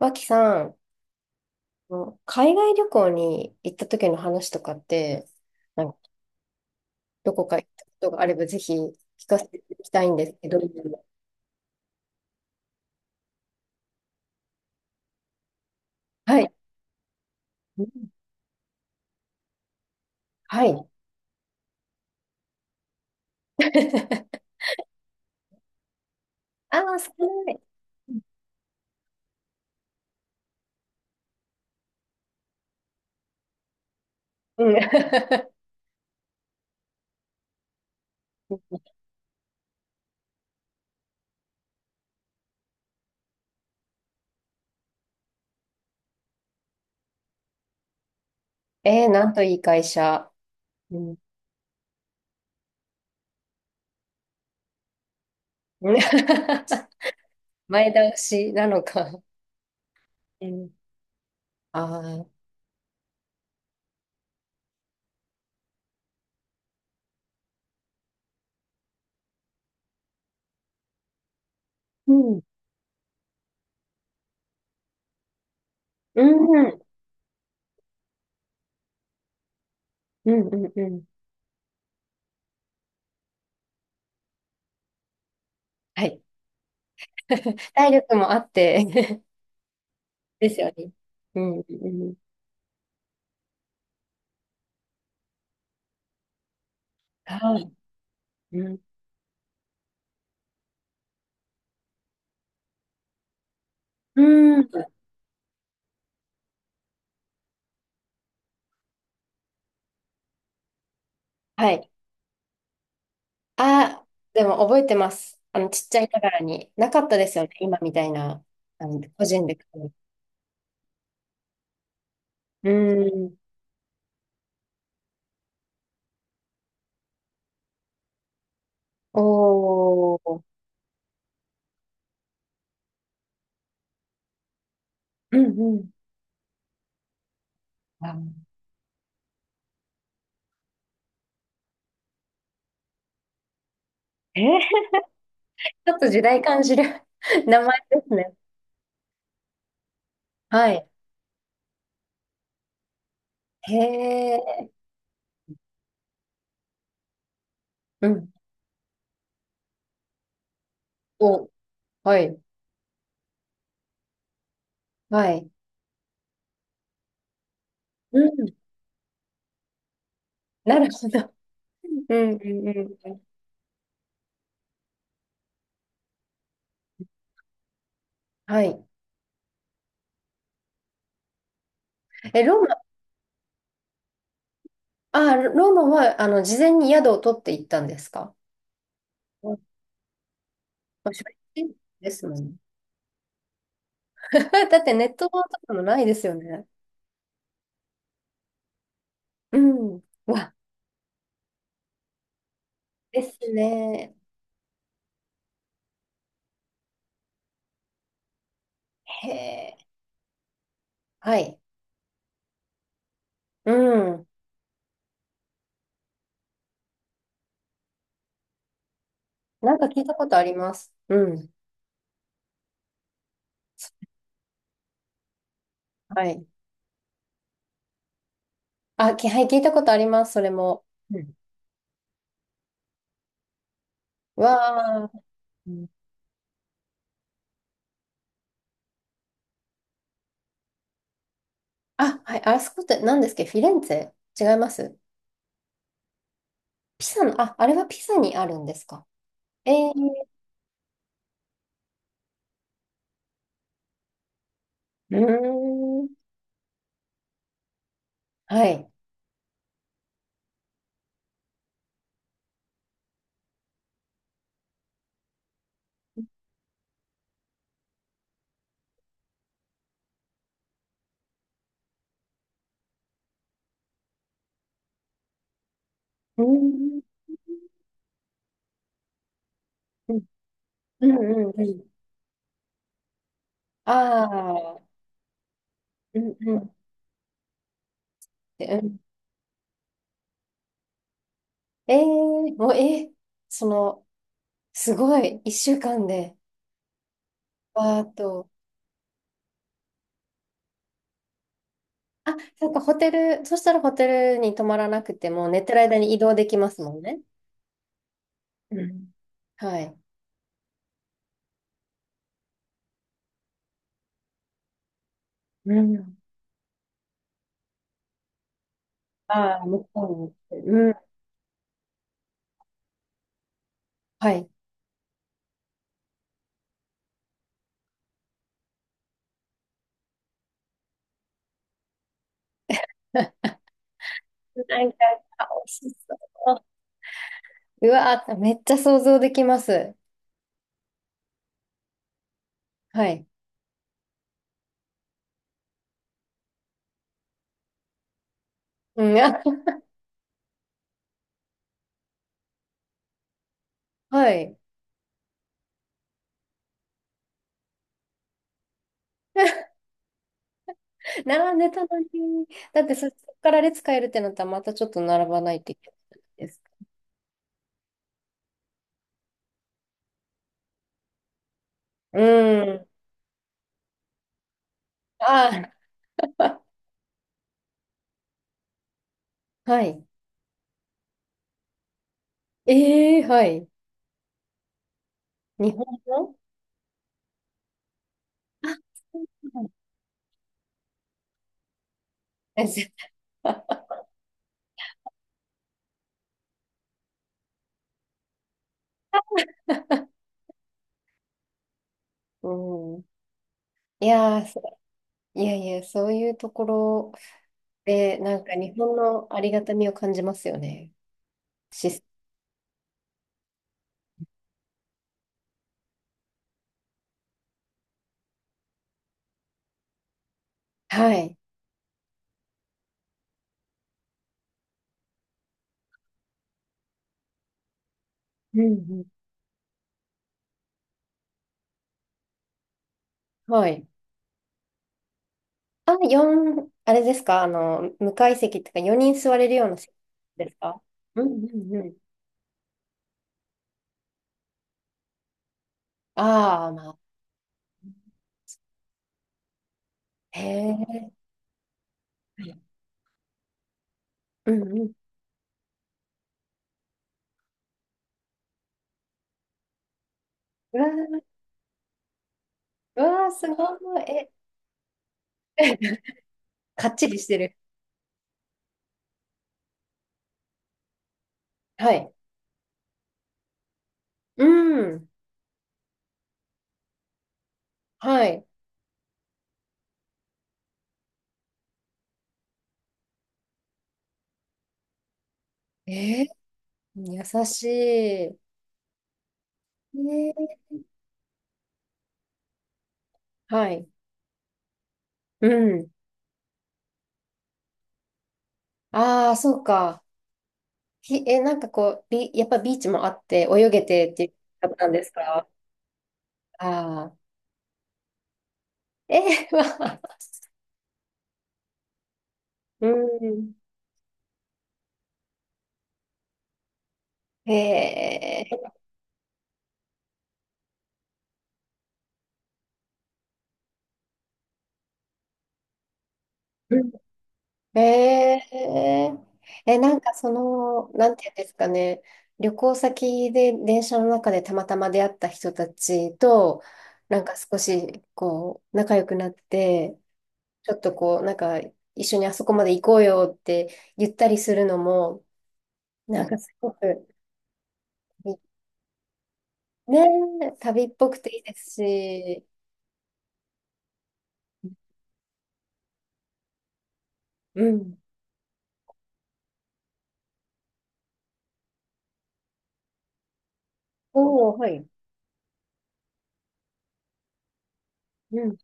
脇さん、あの海外旅行に行った時の話とかって、なんかどこか行ったことがあればぜひ聞かせていただきたいんですけど。はい。うん、はい。ああ、少ない。うん。えー、なんといい会社。うん。前倒しなのか。うん。ああ、うん。うん。うん。うん。うん。はい。体力もあって。 ですよね。うん。うん。はい。うん。うん。はい。あ、でも覚えてます。あの、ちっちゃいながらに。なかったですよね。今みたいな、あの、個人で買う。うん。おー。うんうん。あ、えー、ちょっと時代感じる 名前ですね。はい。へえ。うん。お、はい。はい。うん。なるほど。うんうんうんうん。はい。え、ローマは、事前に宿を取って行ったんですか？うん。まあ初日ですもんね。だってネットとかもないですよね。うん。わ、ですね。へえ。はい。うん。なんか聞いたことあります。うん。はい。あ、はい、聞いたことあります、それも。うん。わあ。うん。あ、はい。あそこって何ですか、フィレンツェ違います？ピサの、あ、あれはピサにあるんですか？えー。うーん。はい。うーん。うん。うん。うん。ああ。うん。うん。で、うん、もう、その、すごい、一週間で。あと、あ、そっか、ホテル、そしたらホテルに泊まらなくても、寝てる間に移動できますもんね。うん。はい。うん。ああ、向こうに。うん。はい。なんか、あ、美味しそう。うわー、めっちゃ想像できます。はい。うん、あ、はい。並んでたのに。だってそこから列変えるってなったら、またちょっと並ばないといけないです。うん。ああ、はい。ええ、はい。日本の。あ、そうなんだ。 うん。いやー、いやいや、そういうところで、なんか日本のありがたみを感じますよね。し、はい。うんうん。はい。あ、4、あれですか、あの、無階席っていうか、4人座れるような席ですか？うんうんうん。ああ、まあ。へえ。うんうん。うわー。うわー、すごい。え、かっちりしてる。はい。うん。はい。えー、優しい。ーはい。うん。ああ、そうか。え、なんかこう、やっぱビーチもあって、泳げてっていう方なんですか？ああー。えー、まあ、うん。えー、うん。えー、なんかその、なんていうんですかね、旅行先で電車の中でたまたま出会った人たちと、なんか少し、こう、仲良くなって、ちょっとこう、なんか、一緒にあそこまで行こうよって言ったりするのも、なんかすごく、ねえ、旅っぽくていいですし。うん。おお、はい。うん、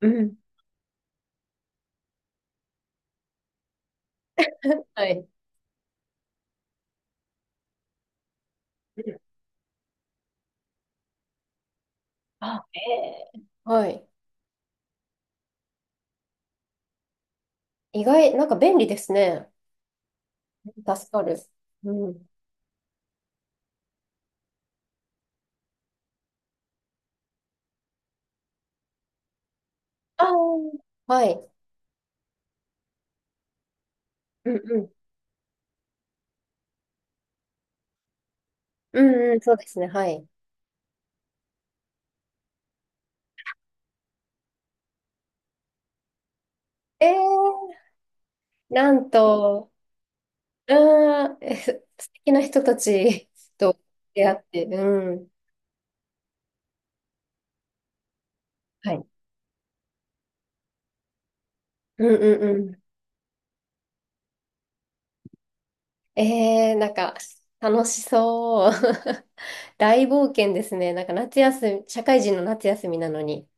うん。はい。うん。あ、ええ、はい。意外、なんか便利ですね。助かる。うん。ああ、はい。うん、うん。うんうん、そうですね。はい。ええ、なんと。うん。え、素敵な人たちと出会って、うん。はい。うんうんうん。えー、なんか、楽しそう。大冒険ですね。なんか夏休み、社会人の夏休みなのに。